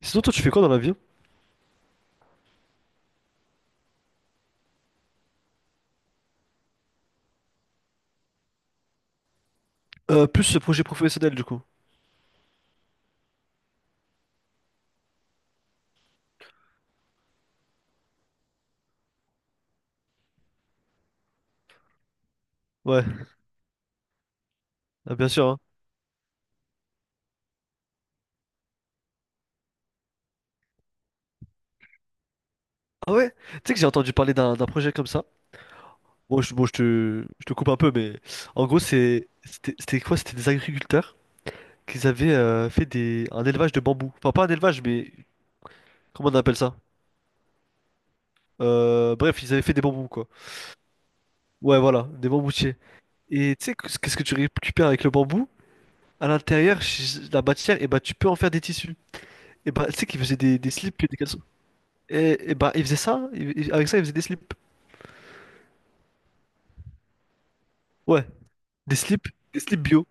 Sinon, toi, tu fais quoi dans la vie? Plus ce projet professionnel, du coup. Ouais, ah, bien sûr, hein. Ah ouais? Tu sais que j'ai entendu parler d'un projet comme ça. Bon, je te coupe un peu, mais en gros, c'était quoi? C'était des agriculteurs qui avaient fait un élevage de bambou. Enfin, pas un élevage, mais comment on appelle ça? Bref, ils avaient fait des bambous, quoi. Ouais, voilà, des bamboutiers. Et tu sais, qu'est-ce que tu récupères avec le bambou? À l'intérieur, la matière, et bah, tu peux en faire des tissus. Et bah, tu sais qu'ils faisaient des slips et des caleçons. Et bah, ils faisaient ça, avec ça, ils faisaient des slips. Ouais, des slips, des slips bio.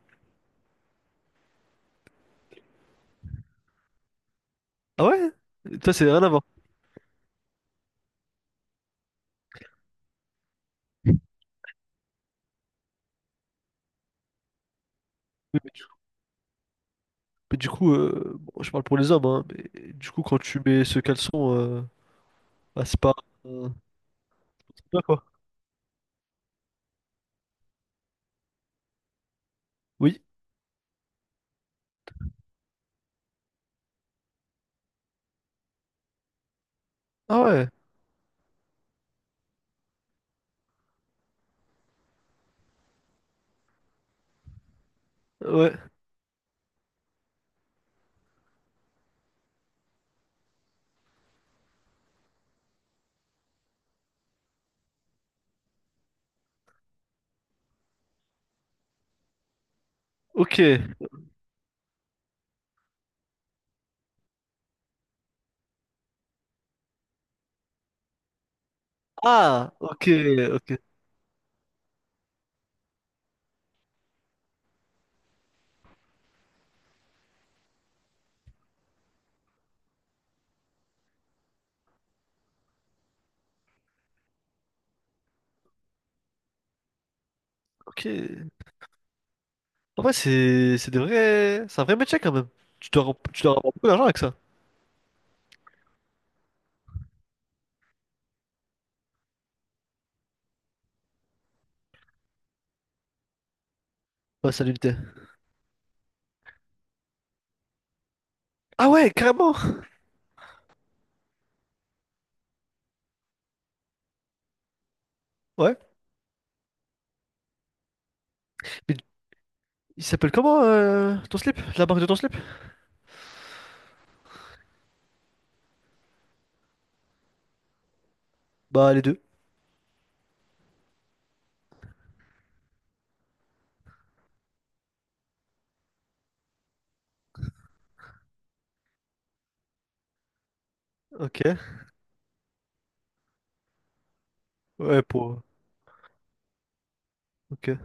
Ah ouais? Toi, c'est rien à voir. Mais, mais du mais du coup, bon, je parle pour les hommes, hein, mais du coup, quand tu mets ce caleçon, bah, c'est pas. euh, c'est pas quoi? Oui. Ah ouais, ouais, ok. Ah, ok, ok, ok. En vrai, c'est des vrais. C'est un vrai métier quand même. Tu dois, tu dois avoir beaucoup d'argent avec ça. Ouais, ça l'unité. Ah ouais, carrément! Ouais. Mais il s'appelle comment ton slip? La marque de ton slip? Bah, les deux. Ok. Ouais, pour. Ok.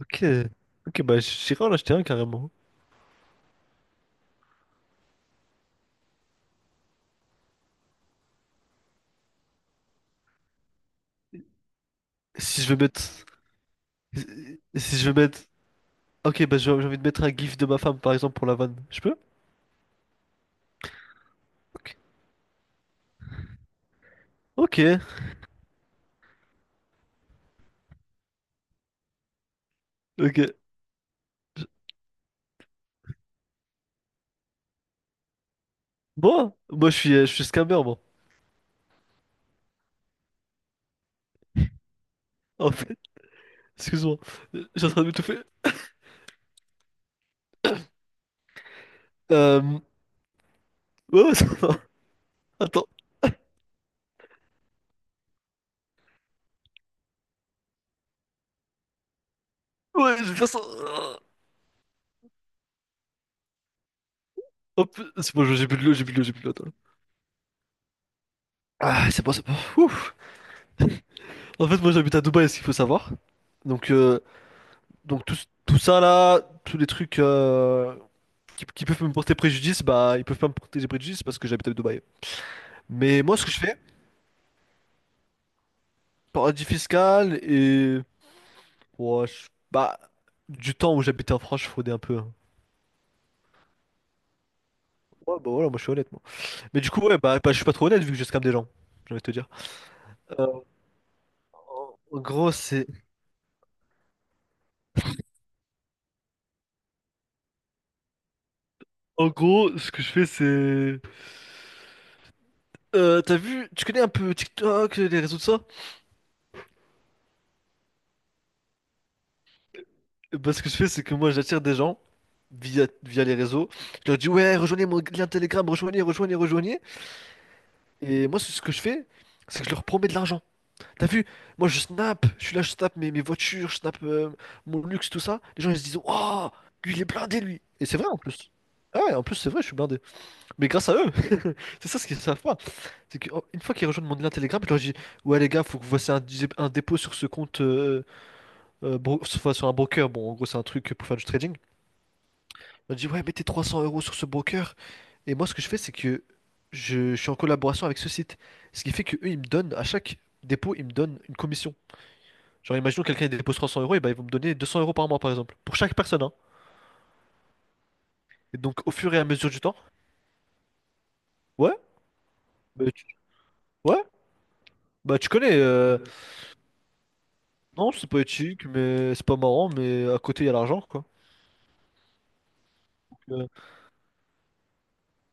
Ok, ok, bah j'irai en acheter un carrément. Si je veux mettre. Si je veux mettre. Ok, bah j'ai envie de mettre un gif de ma femme par exemple pour la vanne. Je peux? Ok. Ok. Ok. Moi? Moi je suis scammer, moi. En fait, excuse-moi. J'ai en train de m'étouffer. Euh. Ouais, ouais, ça va. Attends. Ouais, je vais faire ça. Hop. C'est bon, j'ai plus de l'eau, j'ai plus de l'eau, j'ai plus de l'eau, attends. Ah, c'est bon, c'est bon. Ouf. En fait, moi j'habite à Dubaï, ce qu'il faut savoir. Donc, euh, donc tout ça là, tous les trucs, qui peuvent me porter préjudice, bah ils peuvent pas me porter préjudice parce que j'habite à Dubaï. Mais moi, ce que je fais, paradis fiscal et ouais, bah du temps où j'habitais en France, je fraudais un peu, hein. Ouais, bah voilà, moi je suis honnête moi. Mais du coup, ouais, je suis pas trop honnête vu que je scam des gens. J'ai envie de te dire. Euh, en gros, c'est en gros, ce que je fais, c'est t'as vu, tu connais un peu TikTok, les réseaux de ça? Bah, ce que je fais, c'est que moi, j'attire des gens via les réseaux. Je leur dis, ouais, rejoignez mon lien Telegram, rejoignez, rejoignez, rejoignez. Et moi, c'est ce que je fais, c'est que je leur promets de l'argent. T'as vu? Moi, je snap, je suis là, je snap mes, mes voitures, je snap mon luxe, tout ça. Les gens, ils se disent, oh lui, il est blindé, lui. Et c'est vrai, en plus. Ah ouais, en plus, c'est vrai, je suis blindé. Mais grâce à eux, c'est ça ce qu'ils savent pas. C'est qu'une fois qu'ils rejoignent mon lien Telegram, je leur dis, ouais, les gars, faut que vous fassiez un dépôt sur ce compte, enfin, sur un broker. Bon, en gros, c'est un truc pour faire du trading. Je leur dis, ouais, mettez 300 euros sur ce broker. Et moi, ce que je fais, c'est que je suis en collaboration avec ce site. Ce qui fait que eux, ils me donnent, à chaque dépôt, ils me donnent une commission. Genre, imaginons que quelqu'un dépose 300 euros, et ben, ils vont me donner 200 euros par mois, par exemple. Pour chaque personne, hein. Et donc, au fur et à mesure du temps, ouais, bah, tu, ouais, bah, tu connais, non, c'est pas éthique, mais c'est pas marrant, mais à côté, il y a l'argent, quoi. Donc, euh,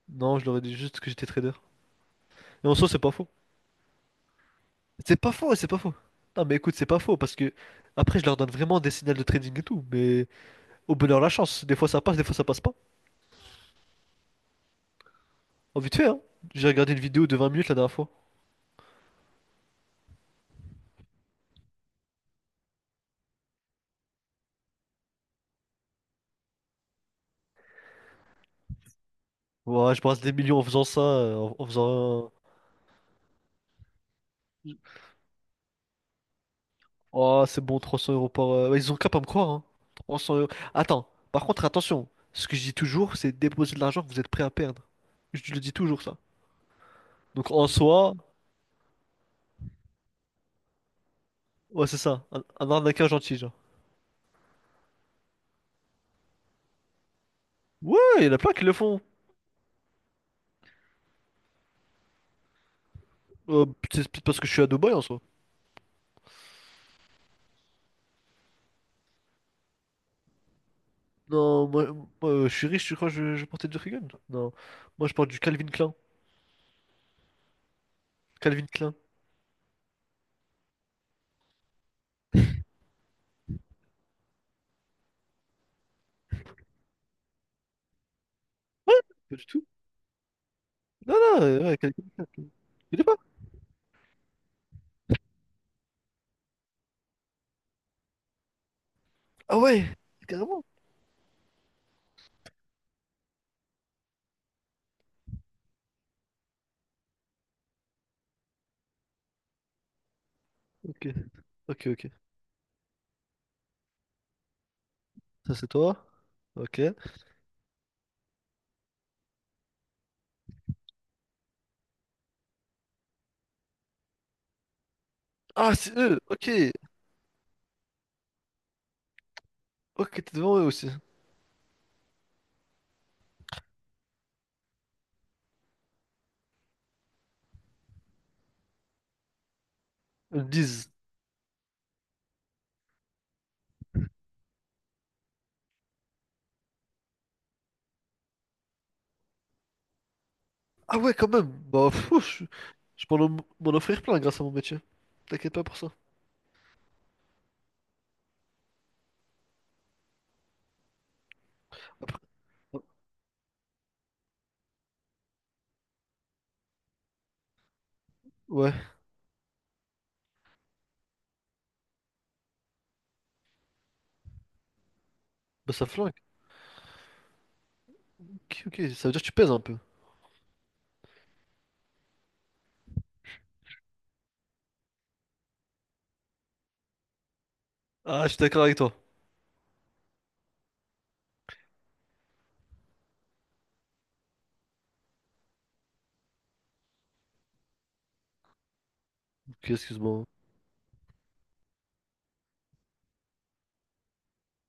non, je leur ai dit juste que j'étais trader. Et en soi, c'est pas faux. C'est pas faux, ouais, c'est pas faux. Non, mais écoute, c'est pas faux, parce que après, je leur donne vraiment des signaux de trading et tout, mais au bonheur, la chance. Des fois, ça passe, des fois, ça passe pas. Oh, vite fait, hein. J'ai regardé une vidéo de 20 minutes la dernière fois. Ouais, je brasse des millions en faisant ça, en faisant un... Oh, c'est bon, 300 euros par... ouais, ils ont qu'à pas me croire, hein. 300 euros... Attends, par contre, attention. Ce que je dis toujours, c'est déposer de l'argent que vous êtes prêt à perdre. Je le dis toujours, ça. Donc, en soi, ouais, c'est ça. Un arnaqueur gentil, genre. Ouais, il y en a plein qui le font. Euh, c'est peut-être parce que je suis à Dubaï, en soi. Non, moi, moi, je suis riche, tu crois que je portais du Reagan? Non. Moi, je porte du Calvin Klein. Calvin Klein. Ouais, pas du tout. Non, non, ouais, quelqu'un. Il est pas. Ah ouais, carrément. Ok, ok, ok. Ça, c'est toi. Ok. Ah, c'est eux. Ok. Ok, t'es devant eux aussi. Ils me disent. Ah ouais, quand même. Bah, fou, je peux m'en offrir plein grâce à mon métier. T'inquiète pas pour ça. Après- Ouais, bah ça flingue. Ok, ok, ça veut dire que tu pèses un peu. Ah, je suis d'accord avec toi. Ok, excuse-moi.